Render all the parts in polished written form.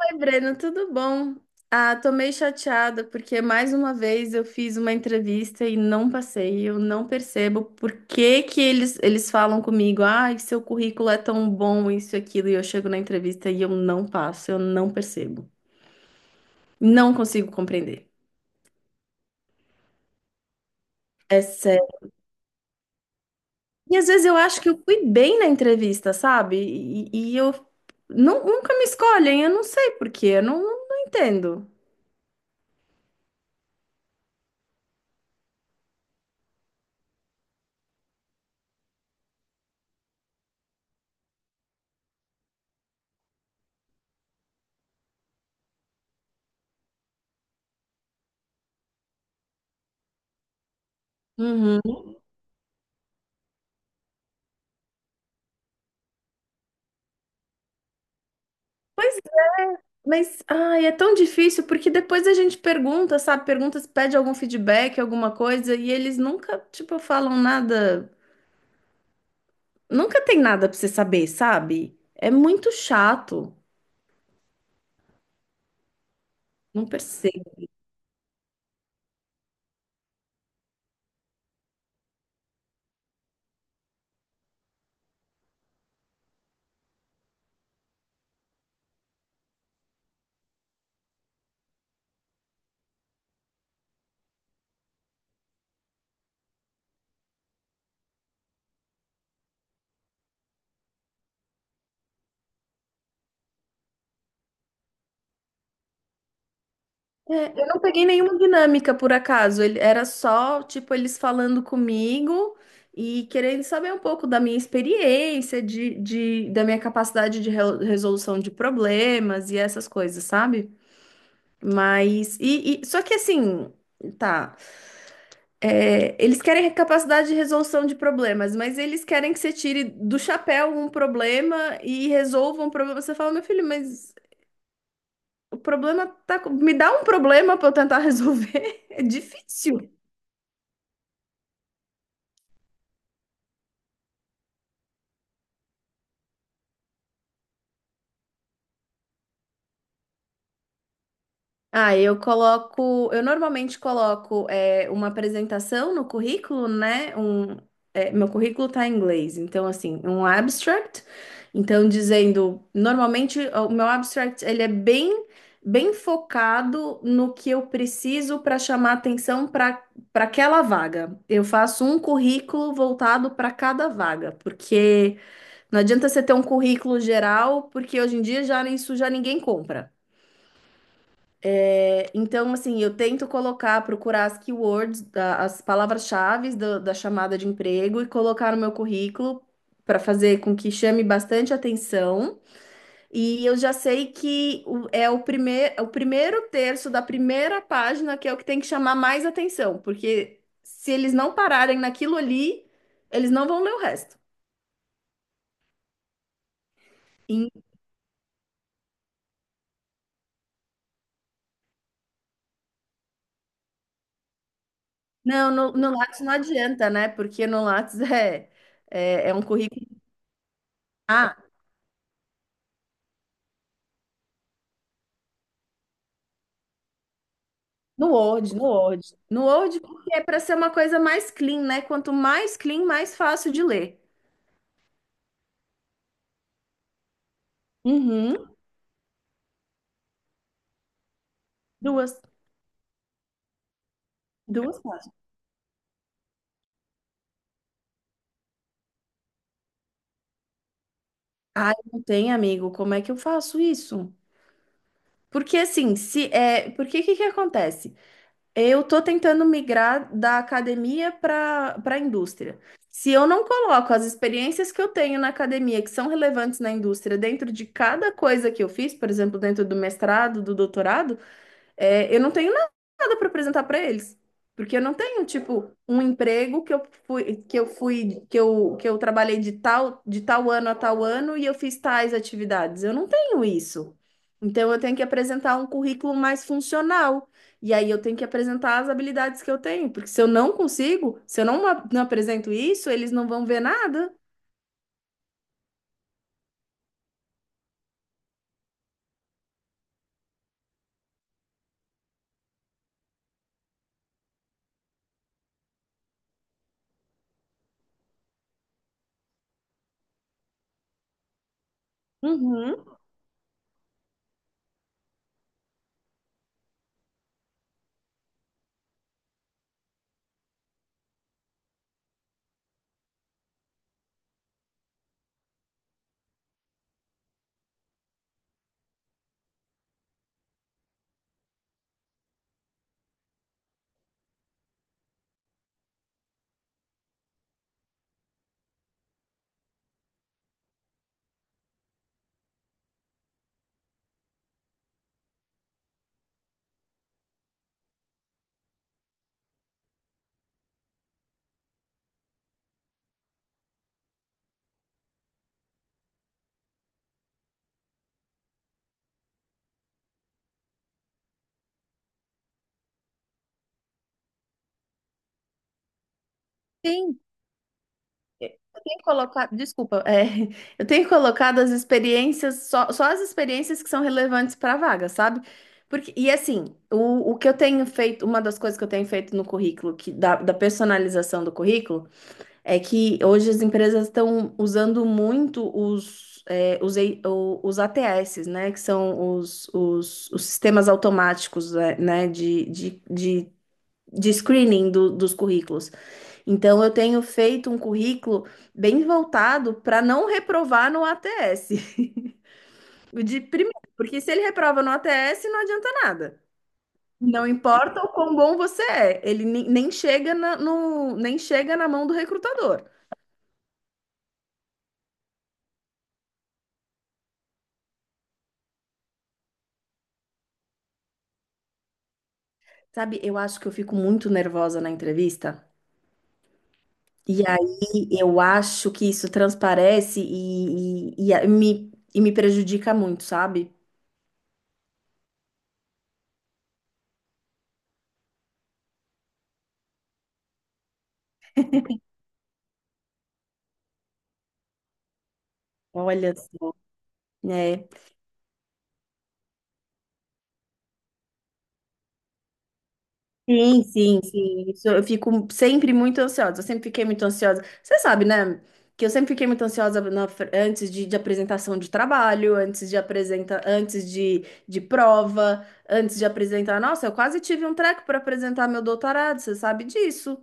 Oi, Breno, tudo bom? Ah, tô meio chateada porque mais uma vez eu fiz uma entrevista e não passei. Eu não percebo por que que eles falam comigo, ai, seu currículo é tão bom, isso e aquilo, e eu chego na entrevista e eu não passo, eu não percebo. Não consigo compreender. É sério. E às vezes eu acho que eu fui bem na entrevista, sabe? E eu nunca me escolhem, eu não sei por quê, eu não, não entendo. Uhum. Pois Mas, ai, é tão difícil porque depois a gente pergunta, sabe? Pergunta se pede algum feedback, alguma coisa, e eles nunca, tipo, falam nada. Nunca tem nada pra você saber, sabe? É muito chato. Não percebo. É, eu não peguei nenhuma dinâmica por acaso. Ele, era só, tipo, eles falando comigo e querendo saber um pouco da minha experiência, da minha capacidade de resolução de problemas e essas coisas, sabe? Mas. Só que assim. Tá. É, eles querem a capacidade de resolução de problemas, mas eles querem que você tire do chapéu um problema e resolva um problema. Você fala, meu filho, mas o problema tá. com- Me dá um problema para eu tentar resolver. É difícil. Ah, eu normalmente coloco é, uma apresentação no currículo, né? Um, é, meu currículo tá em inglês, então assim, um abstract, então dizendo, normalmente o meu abstract ele é bem, bem focado no que eu preciso para chamar atenção para aquela vaga. Eu faço um currículo voltado para cada vaga, porque não adianta você ter um currículo geral, porque hoje em dia já isso já ninguém compra. É, então, assim, eu tento colocar, procurar as keywords, as palavras-chave da chamada de emprego e colocar no meu currículo para fazer com que chame bastante atenção. E eu já sei que o primeiro terço da primeira página que é o que tem que chamar mais atenção, porque se eles não pararem naquilo ali, eles não vão ler o resto. E- não, no Lattes não adianta, né? Porque no Lattes é um currículo. Ah, No Word. No Word, porque é para ser uma coisa mais clean, né? Quanto mais clean, mais fácil de ler. Uhum. Duas, duas páginas. Ai, não tem, amigo. Como é que eu faço isso? Porque assim, se é, porque que acontece? Eu tô tentando migrar da academia para a indústria. Se eu não coloco as experiências que eu tenho na academia, que são relevantes na indústria, dentro de cada coisa que eu fiz, por exemplo, dentro do mestrado, do doutorado, é, eu não tenho nada para apresentar para eles, porque eu não tenho, tipo, um emprego que eu fui, que eu trabalhei de tal ano a tal ano e eu fiz tais atividades. Eu não tenho isso. Então eu tenho que apresentar um currículo mais funcional. E aí eu tenho que apresentar as habilidades que eu tenho, porque se eu não, não apresento isso, eles não vão ver nada. Uhum. Sim, eu tenho colocado, desculpa, é, eu tenho colocado as experiências, só as experiências que são relevantes para a vaga, sabe? Porque, e assim, o que eu tenho feito, uma das coisas que eu tenho feito no currículo, da personalização do currículo, é que hoje as empresas estão usando muito os, é, os, E- o- os ATS, né? Que são os sistemas automáticos, é, né, de screening dos currículos. Então, eu tenho feito um currículo bem voltado para não reprovar no ATS. O De primeiro, porque se ele reprova no ATS, não adianta nada. Não importa o quão bom você é, ele nem chega na, no, nem chega na mão do recrutador. Sabe, eu acho que eu fico muito nervosa na entrevista. E aí eu acho que isso transparece e me prejudica muito, sabe? Olha, só, né? Sim, sim, sim. Isso, eu fico sempre muito ansiosa. Eu sempre fiquei muito ansiosa. Você sabe, né? Que eu sempre fiquei muito ansiosa na antes de apresentação de trabalho, antes de prova, antes de apresentar. Nossa, eu quase tive um treco para apresentar meu doutorado, você sabe disso.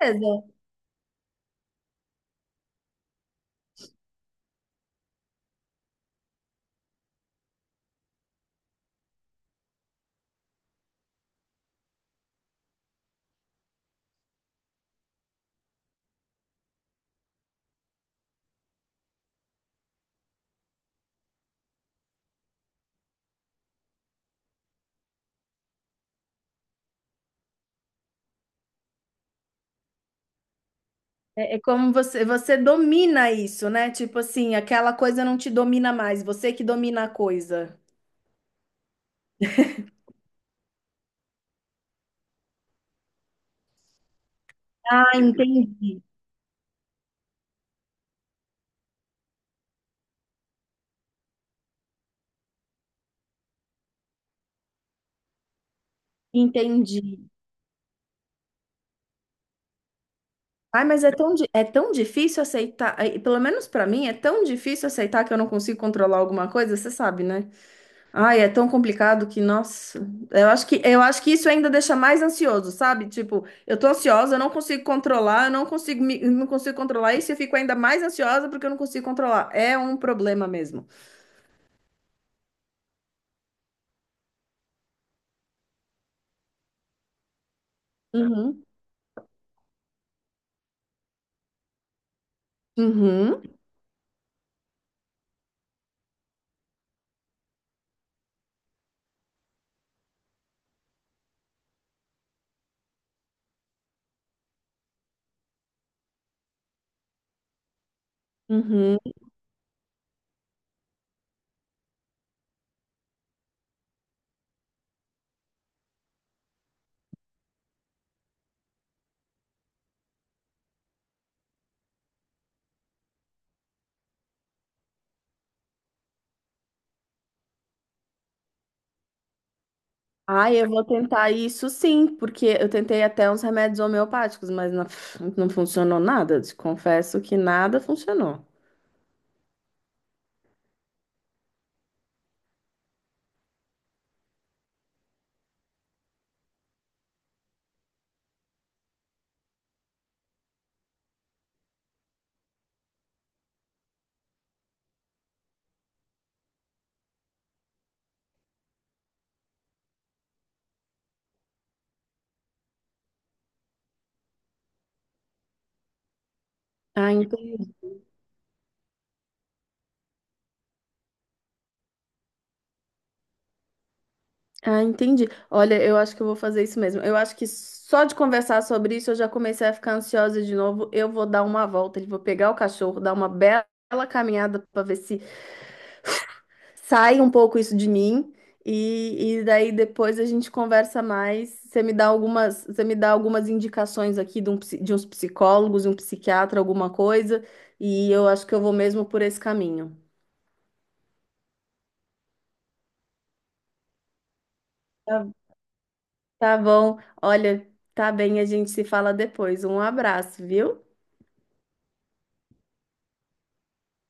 Beleza. É como você domina isso, né? Tipo assim, aquela coisa não te domina mais, você que domina a coisa. Ah, entendi. Entendi. Ai, é tão difícil aceitar, e pelo menos pra mim, é tão difícil aceitar que eu não consigo controlar alguma coisa, você sabe, né? Ai, é tão complicado que, nossa, eu acho que isso ainda deixa mais ansioso, sabe? Tipo, eu tô ansiosa, eu não consigo controlar, eu não consigo controlar isso, e eu fico ainda mais ansiosa porque eu não consigo controlar. É um problema mesmo. Uhum, uhum, uhum. Ai, eu vou tentar isso sim, porque eu tentei até uns remédios homeopáticos, mas não, não funcionou nada. Te confesso que nada funcionou. Ah, entendi. Ah, entendi. Olha, eu acho que eu vou fazer isso mesmo. Eu acho que só de conversar sobre isso eu já comecei a ficar ansiosa de novo. Eu vou dar uma volta, eu vou pegar o cachorro, dar uma bela caminhada para ver se sai um pouco isso de mim e daí depois a gente conversa mais. Você me dá algumas indicações aqui de, de uns psicólogos, um psiquiatra, alguma coisa, e eu acho que eu vou mesmo por esse caminho. Tá, tá bom. Olha, tá bem, a gente se fala depois. Um abraço, viu?